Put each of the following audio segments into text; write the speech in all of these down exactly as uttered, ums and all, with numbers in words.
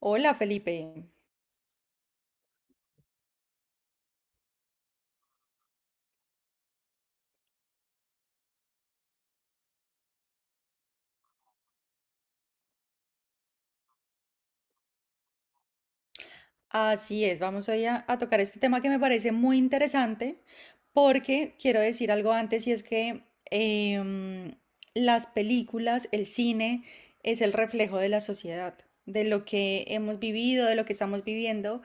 Hola, Felipe. Así es, vamos hoy a, a tocar este tema que me parece muy interesante porque quiero decir algo antes y es que em, las películas, el cine es el reflejo de la sociedad, de lo que hemos vivido, de lo que estamos viviendo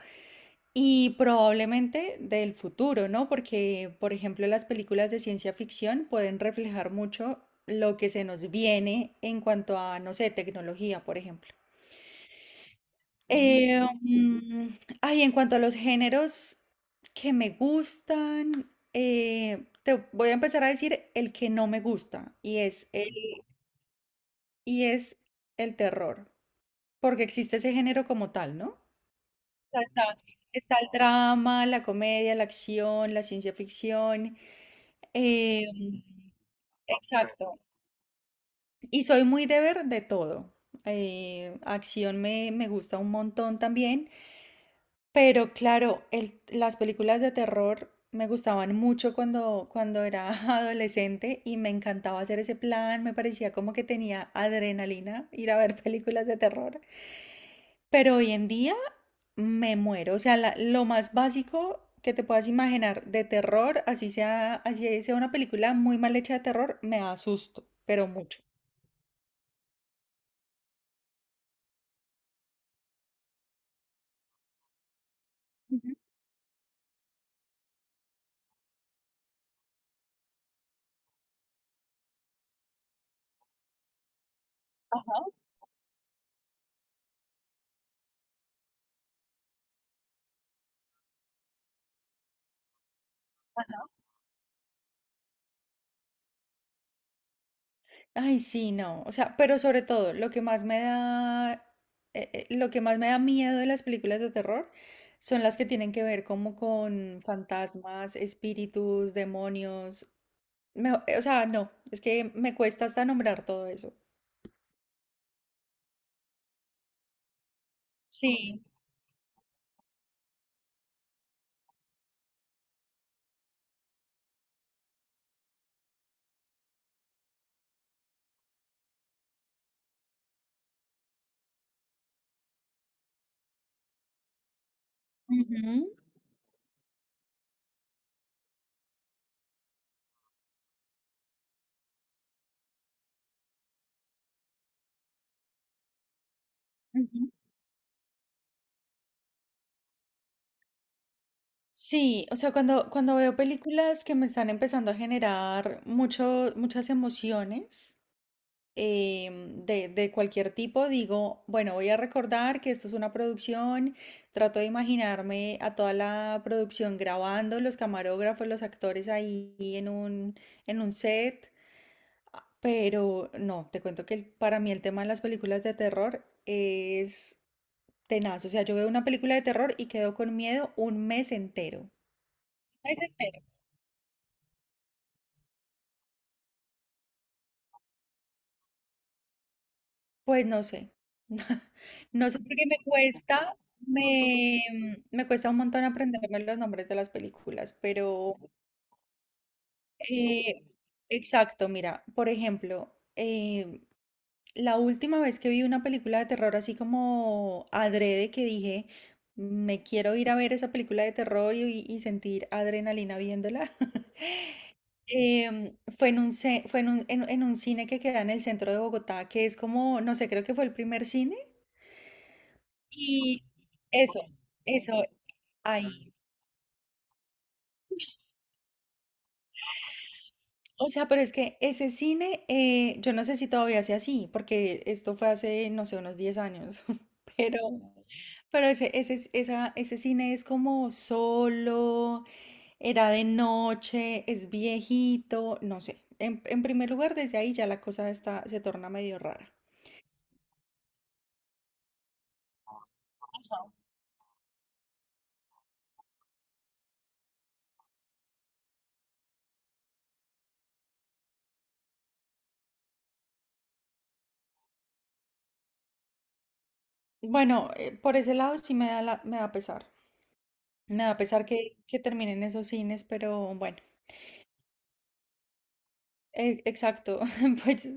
y probablemente del futuro, ¿no? Porque, por ejemplo, las películas de ciencia ficción pueden reflejar mucho lo que se nos viene en cuanto a, no sé, tecnología, por ejemplo. Eh, mm, Ay, en cuanto a los géneros que me gustan, eh, te voy a empezar a decir el que no me gusta y es el, y es el terror, porque existe ese género como tal, ¿no? sea, Está, está el drama, la comedia, la acción, la ciencia ficción. eh, exacto. Y soy muy de ver de todo. Eh, acción me, me gusta un montón también. Pero claro, el- las películas de terror me gustaban mucho cuando, cuando era adolescente y me encantaba hacer ese plan, me parecía como que tenía adrenalina ir a ver películas de terror. Pero hoy en día me muero. O sea, la- lo más básico que te puedas imaginar de terror, así sea, así sea una película muy mal hecha de terror, me asusto, pero mucho. Ujú. Ajá, ajá. Ay, sí, no. O sea, pero sobre todo, lo que más me da, eh, eh, lo que más me da miedo de las películas de terror son las que tienen que ver como con fantasmas, espíritus, demonios. Me- o sea, no, es que me cuesta hasta nombrar todo eso. Sí. Ujú, ujú. Sí, o sea, cuando, cuando veo películas que me están empezando a generar mucho, muchas emociones. em, de, de cualquier tipo, digo, bueno, voy a recordar que esto es una producción, trato de imaginarme a toda la producción grabando, los camarógrafos, los actores ahí en un, en un set, pero no, te cuento que el- para mí el tema de las películas de terror es tenaz. O sea, yo veo una película de terror y quedo con miedo un mes entero. Un mes entero. Pues no sé. No sé porque me cuesta, me, me cuesta un montón aprenderme los nombres de las películas. Pero eh, exacto, mira, por ejemplo, eh, la última vez que vi una película de terror así como adrede que dije, me quiero ir a ver esa película de terror y, y sentir adrenalina viéndola. em, fue en un, ce- fue en un, en en un cine que queda en el centro de Bogotá, que es como, no sé, creo que fue el primer cine. Y eso, eso, ahí. O sea, pero es que ese cine, eh, yo no sé si todavía sea así, porque esto fue hace, no sé, unos diez años. pero, pero ese, ese, es- esa, ese cine es como solo, era de noche, es viejito, no sé. En, en primer lugar, desde ahí ya la cosa está, se torna medio rara. Bueno, eh, por ese lado sí me da, la- me da pesar. Me da pesar que, que terminen esos cines. Pero bueno, e- exacto. Pues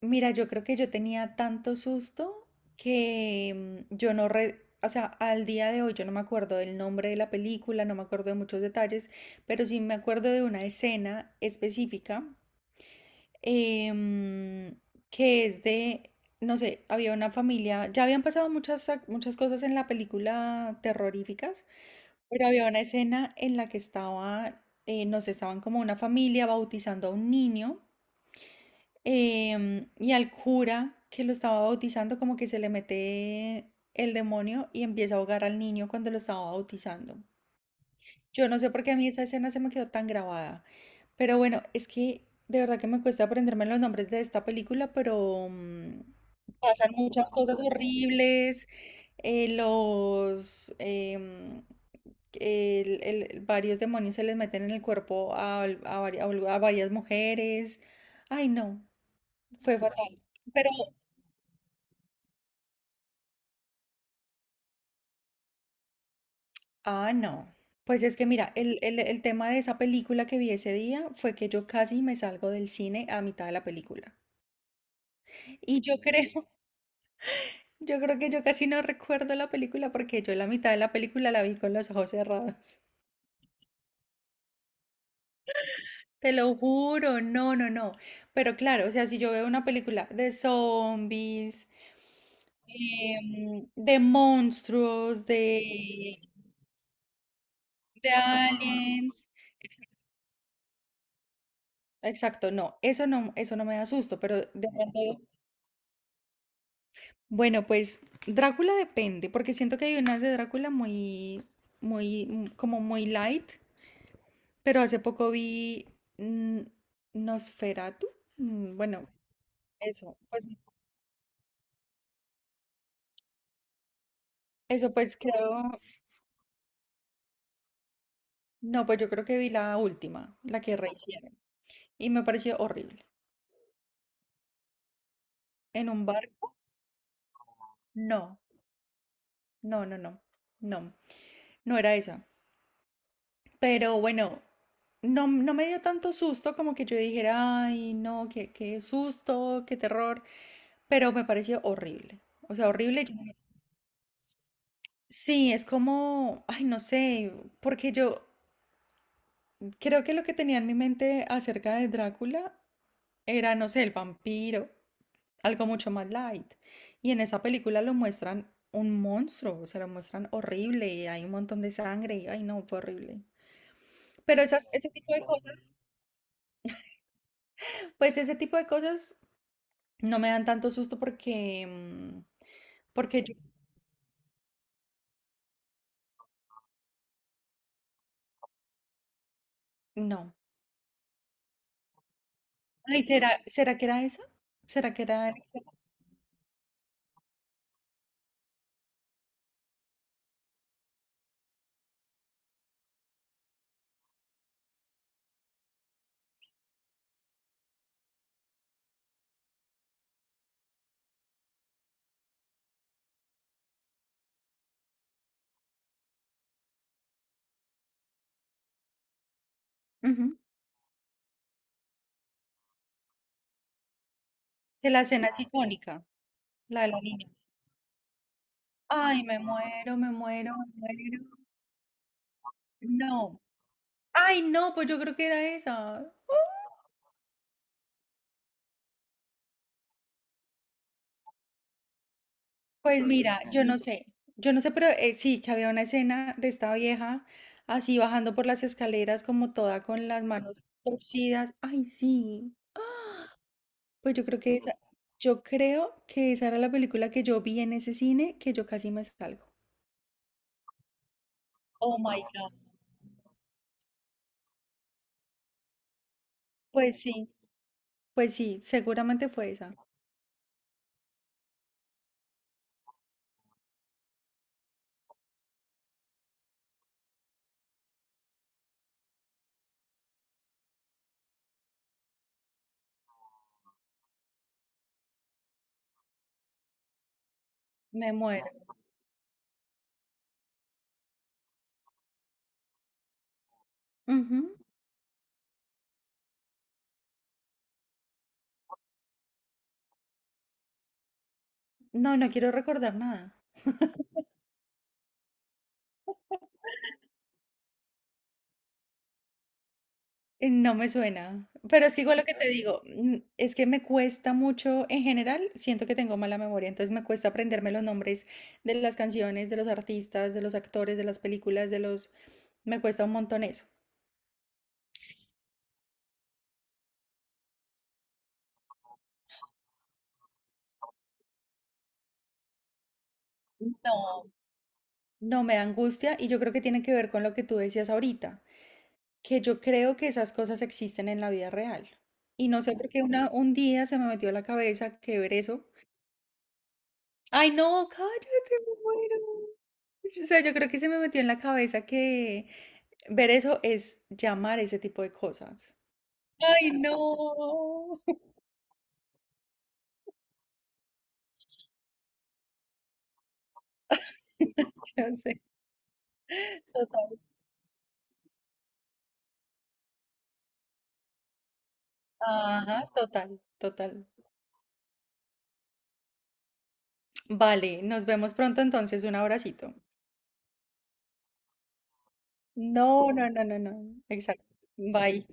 mira, yo creo que yo tenía tanto susto que mm, yo no re- o sea, al día de hoy yo no me acuerdo del nombre de la película, no me acuerdo de muchos detalles, pero sí me acuerdo de una escena específica. em, que es de, no sé, había una familia, ya habían pasado muchas, ac- muchas cosas en la película terroríficas, pero había una escena en la que estaba, eh, no sé, estaban como una familia bautizando a un niño. Em, y al cura que lo estaba bautizando, como que se le mete el demonio y empieza a ahogar al niño cuando lo estaba bautizando. Yo no sé por qué a mí esa escena se me quedó tan grabada. Pero bueno, es que de verdad que me cuesta aprenderme los nombres de esta película, pero mm, pasan muchas cosas horribles. Eh, los em, el- el- varios demonios se les meten en el cuerpo a, a vari- a varias mujeres. Ay, no. Fue fatal. Pero, ah, no. Pues es que mira, el, el, el tema de esa película que vi ese día fue que yo casi me salgo del cine a mitad de la película. Y yo creo, yo creo que yo casi no recuerdo la película porque yo la mitad de la película la vi con los ojos cerrados. Te lo juro, no, no, no. Pero claro, o sea, si yo veo una película de zombies, em, de monstruos, de, de aliens. Exacto, no, eso no, eso no me da susto, pero de pronto, bueno, pues Drácula depende, porque siento que hay unas de Drácula muy, muy, mm, como muy light, pero hace poco vi mm, Nosferatu. Mm, bueno, eso, pues, eso pues creo, no, pues yo creo que vi la última, la que rehicieron, y me pareció horrible. ¿En un barco? No, no, no, no, no, no era esa. Pero bueno, no, no me dio tanto susto como que yo dijera, ay, no, qué, qué susto, qué terror, pero me pareció horrible. O sea, horrible. Yo- no Sí, es como, ay, no sé, porque yo creo que lo que tenía en mi mente acerca de Drácula era, no sé, el vampiro, algo mucho más light. Y en esa película lo muestran un monstruo, o sea, lo muestran horrible y hay un montón de sangre y, ay, no, fue horrible. Pero esas, ese tipo de cosas, pues ese tipo de cosas no me dan tanto susto porque, mm, porque yo no. Ay, ¿será, será que era esa? ¿Será que era esa? Ujú. Que la escena es icónica, la de la niña. Ay, me muero, me muero, me muero. No. Ay, no, pues yo creo que era esa. Pues mira, yo no sé, yo no sé, pero eh, sí, que había una escena de esta vieja así bajando por las escaleras como toda con las manos torcidas. Ay, sí. Pues yo creo que esa, yo creo que esa era la película que yo vi en ese cine que yo casi me salgo. Oh my God. Pues sí, pues sí, seguramente fue esa. Me muero. Ujú. No, no quiero recordar nada. Eh, No me suena. Pero es que igual lo que te digo, mm, es que me cuesta mucho, en general, siento que tengo mala memoria, entonces me cuesta aprenderme los nombres de las canciones, de los artistas, de los actores, de las películas, de los... Me cuesta un montón eso. No. No, me da angustia y yo creo que tiene que ver con lo que tú decías ahorita, que yo creo que esas cosas existen en la vida real. Y no sé por qué una, un día se me metió a la cabeza que ver eso. Ay, no, cállate, me muero. O sea, yo creo que se me metió en la cabeza que ver eso es llamar ese tipo de cosas. Ay, no. Yo sé. Total. Ajá, total, total. Vale, nos vemos pronto entonces. Un abracito. No, no, no, no, no. Exacto. Bye.